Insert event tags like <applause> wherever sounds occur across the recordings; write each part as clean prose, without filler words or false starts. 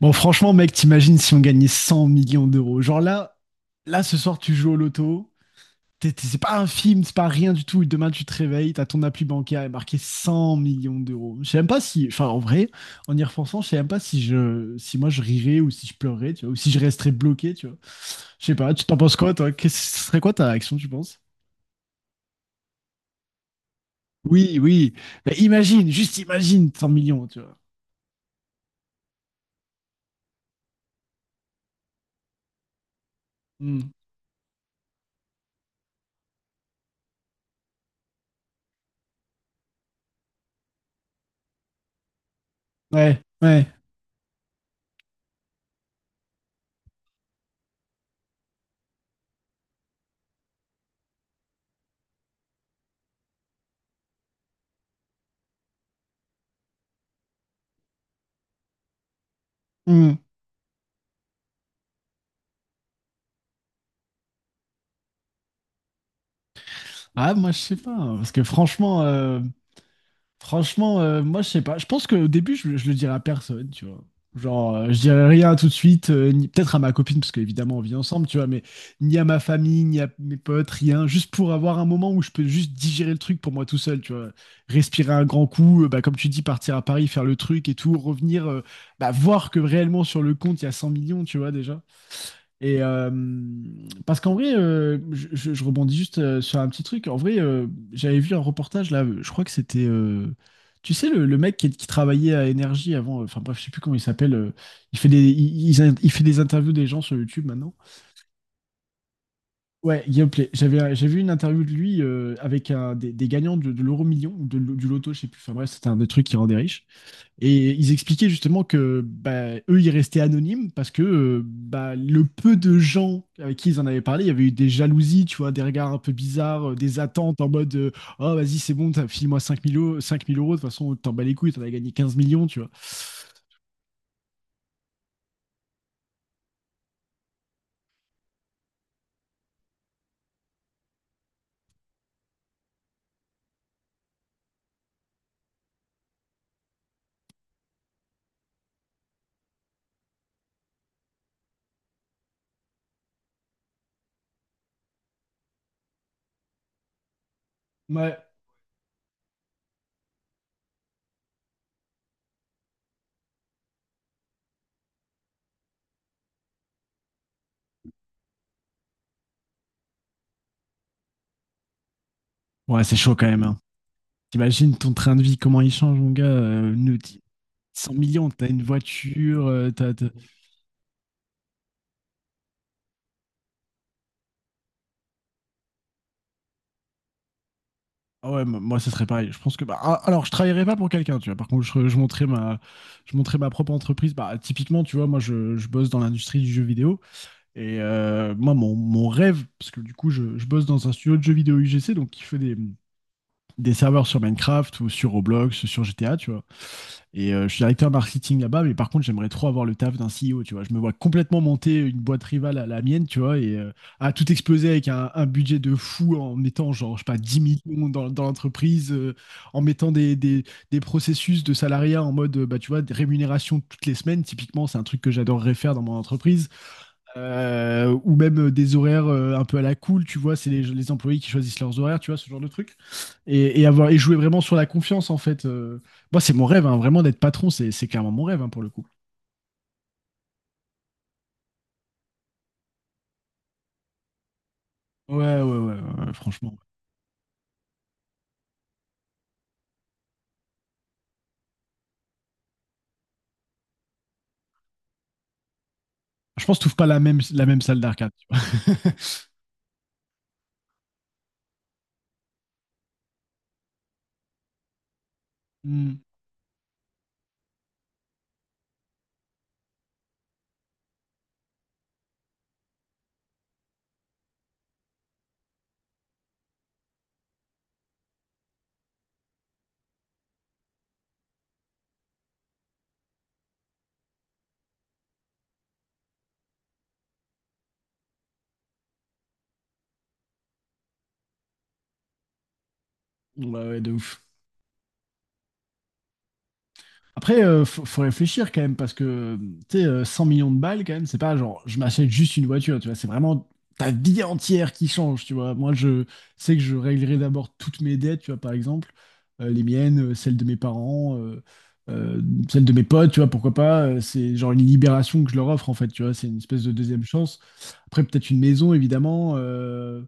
Bon, franchement, mec, t'imagines si on gagnait 100 millions d'euros. Genre là, ce soir, tu joues au loto. C'est pas un film, c'est pas rien du tout. Et demain, tu te réveilles, t'as ton appui bancaire et marqué 100 millions d'euros. Je sais même pas si, enfin, en vrai, en y repensant, je sais même pas si moi je rirais ou si je pleurais, tu vois, ou si je resterais bloqué, tu vois. Je sais pas, tu t'en penses quoi, toi? Qu'est-ce ce serait quoi ta réaction, tu penses? Oui, oui. Mais imagine, juste imagine 100 millions, tu vois. Hmm. Ouais, ouais. Hmm. Ah, moi, je sais pas, hein, parce que Franchement, moi, je sais pas. Je pense qu'au début, je le dirais à personne, tu vois. Genre, je dirais rien tout de suite, peut-être à ma copine, parce qu'évidemment, on vit ensemble, tu vois, mais ni à ma famille, ni à mes potes, rien. Juste pour avoir un moment où je peux juste digérer le truc pour moi tout seul, tu vois. Respirer un grand coup, bah, comme tu dis, partir à Paris, faire le truc et tout, revenir, bah, voir que réellement sur le compte, il y a 100 millions, tu vois, déjà. Et parce qu'en vrai, je rebondis juste sur un petit truc. En vrai, j'avais vu un reportage là, je crois que c'était, tu sais, le mec qui travaillait à Énergie avant, enfin bref, je sais plus comment il s'appelle. Il fait il fait des interviews des gens sur YouTube maintenant. Ouais, Guillaume Play. J'ai vu une interview de lui avec des gagnants de l'euro million ou du loto, je sais plus. Enfin bref, c'était un des trucs qui rendait riche. Et ils expliquaient justement que bah, eux, ils restaient anonymes parce que bah, le peu de gens avec qui ils en avaient parlé, il y avait eu des jalousies, tu vois, des regards un peu bizarres, des attentes en mode Oh, vas-y, c'est bon, file-moi 5 000 euros, 5 000 euros, de toute façon, t'en bats les couilles, t'en as gagné 15 millions, tu vois. Ouais. Ouais, c'est chaud quand même, hein. T'imagines ton train de vie, comment il change, mon gars. 100 millions, t'as une voiture, Ah ouais, moi, ça serait pareil. Je pense que, bah, alors, je travaillerais pas pour quelqu'un, tu vois. Par contre, je monterais ma propre entreprise. Bah, typiquement, tu vois, moi, je bosse dans l'industrie du jeu vidéo. Et moi, mon rêve, parce que du coup, je bosse dans un studio de jeux vidéo UGC, donc qui fait des serveurs sur Minecraft ou sur Roblox, sur GTA, tu vois. Et je suis directeur marketing là-bas, mais par contre, j'aimerais trop avoir le taf d'un CEO, tu vois. Je me vois complètement monter une boîte rivale à la mienne, tu vois, et à tout exploser avec un budget de fou en mettant, genre, je sais pas, 10 millions dans l'entreprise, en mettant des processus de salariat en mode, bah, tu vois, des rémunérations toutes les semaines. Typiquement, c'est un truc que j'adorerais faire dans mon entreprise. Ou même des horaires un peu à la cool, tu vois, c'est les employés qui choisissent leurs horaires, tu vois, ce genre de truc. Et jouer vraiment sur la confiance, en fait. Moi, c'est mon rêve, hein, vraiment d'être patron, c'est carrément mon rêve, hein, pour le coup. Ouais, ouais, ouais, ouais, ouais, franchement. Je pense que tu pas la même salle d'arcade, tu vois. <laughs> Hmm. Ouais, ouais, de ouf. Après, faut réfléchir quand même, parce que, tu sais, 100 millions de balles, quand même, c'est pas genre, je m'achète juste une voiture, tu vois, c'est vraiment ta vie entière qui change, tu vois. Moi, je sais que je réglerai d'abord toutes mes dettes, tu vois, par exemple, les miennes, celles de mes parents, euh, celles de mes potes, tu vois, pourquoi pas, c'est genre une libération que je leur offre, en fait, tu vois, c'est une espèce de deuxième chance. Après, peut-être une maison, évidemment.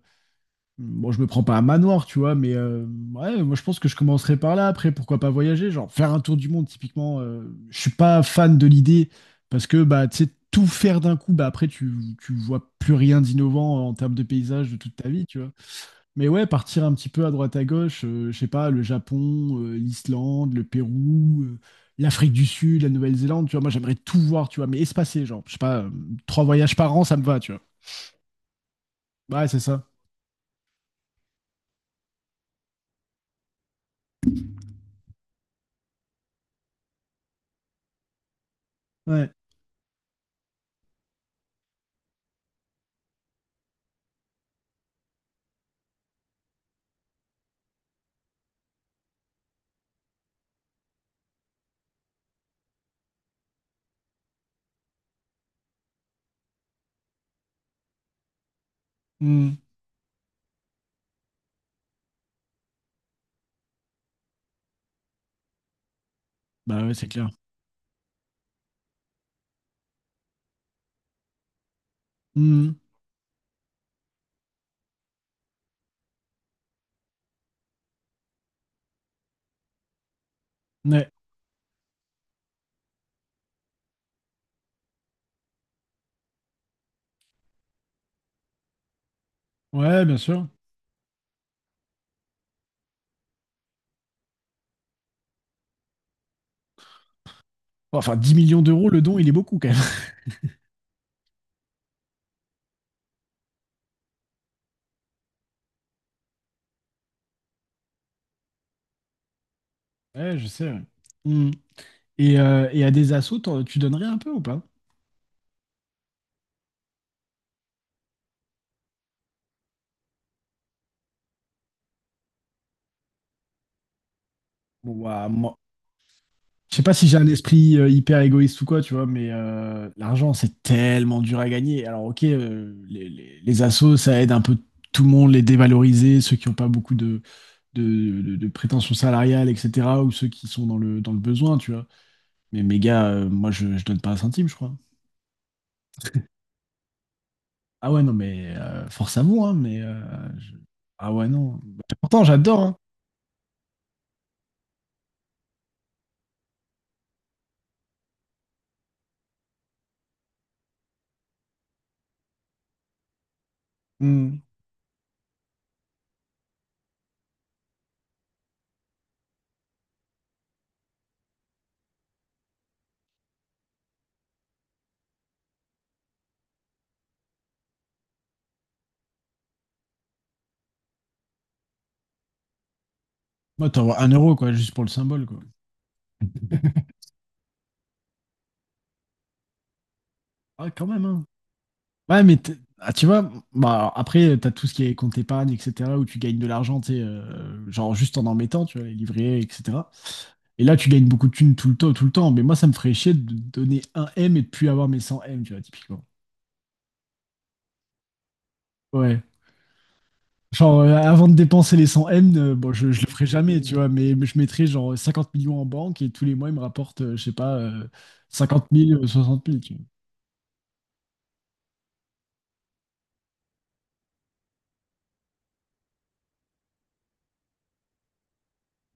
Bon, je me prends pas un manoir, tu vois, mais ouais, moi je pense que je commencerai par là. Après, pourquoi pas voyager? Genre, faire un tour du monde, typiquement, je suis pas fan de l'idée parce que, bah, tu sais, tout faire d'un coup, bah, après, tu vois plus rien d'innovant en termes de paysage de toute ta vie, tu vois. Mais ouais, partir un petit peu à droite à gauche, je sais pas, le Japon, l'Islande, le Pérou, l'Afrique du Sud, la Nouvelle-Zélande, tu vois, moi j'aimerais tout voir, tu vois, mais espacé, genre, je sais pas, 3 voyages par an, ça me va, tu vois. Ouais, c'est ça. Ouais. Hmm. Bah ouais, c'est clair. Mhm. Ouais. Ouais, bien sûr. Enfin, 10 millions d'euros, le don, il est beaucoup quand même. <laughs> Ouais, je sais, ouais. Mhm. Et à des assos, tu donnerais un peu ou pas? Bon, bah, moi, je sais pas si j'ai un esprit hyper égoïste ou quoi, tu vois, mais l'argent, c'est tellement dur à gagner. Alors, ok, les assos, ça aide un peu tout le monde, les dévaloriser, ceux qui n'ont pas beaucoup de prétentions salariales, etc., ou ceux qui sont dans le besoin, tu vois. Mais mes gars, moi, je donne pas un centime, je crois. Ah ouais, non, mais force à vous, hein, je- Ah ouais, non. Bah, pourtant, j'adore, hein. Hmm. Moi, t'envoies un euro, quoi, juste pour le symbole, quoi. <laughs> Ah, quand même, hein. Ouais, mais ah, tu vois, bah, alors, après, t'as tout ce qui est compte épargne, etc., où tu gagnes de l'argent, tu sais, genre juste en mettant, tu vois, les livrets, etc. Et là, tu gagnes beaucoup de thunes tout le temps, tout le temps. Mais moi, ça me ferait chier de donner un M et de plus avoir mes 100 M, tu vois, typiquement. Ouais. Genre, avant de dépenser les 100 millions M, bon, je le ferai jamais, tu vois, mais je mettrai genre 50 millions en banque et tous les mois, il me rapporte, je sais pas, 50 000, 60 000, tu vois.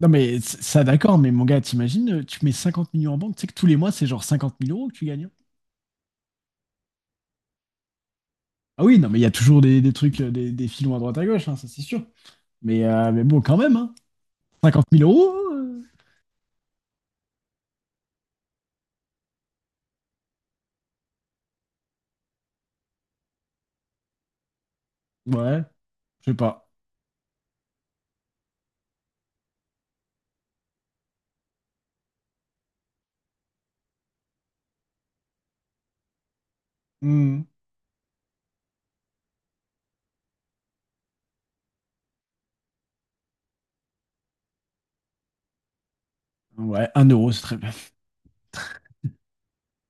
Non, mais ça, d'accord, mais mon gars, t'imagines, tu mets 50 millions en banque, tu sais que tous les mois, c'est genre 50 000 euros que tu gagnes, hein. Ah oui, non, mais il y a toujours des trucs, des filons à droite à gauche, hein, ça c'est sûr. Mais bon, quand même, hein, 50 000 euros, ouais, je sais pas. Hmm. Ouais, un euro, c'est très bien.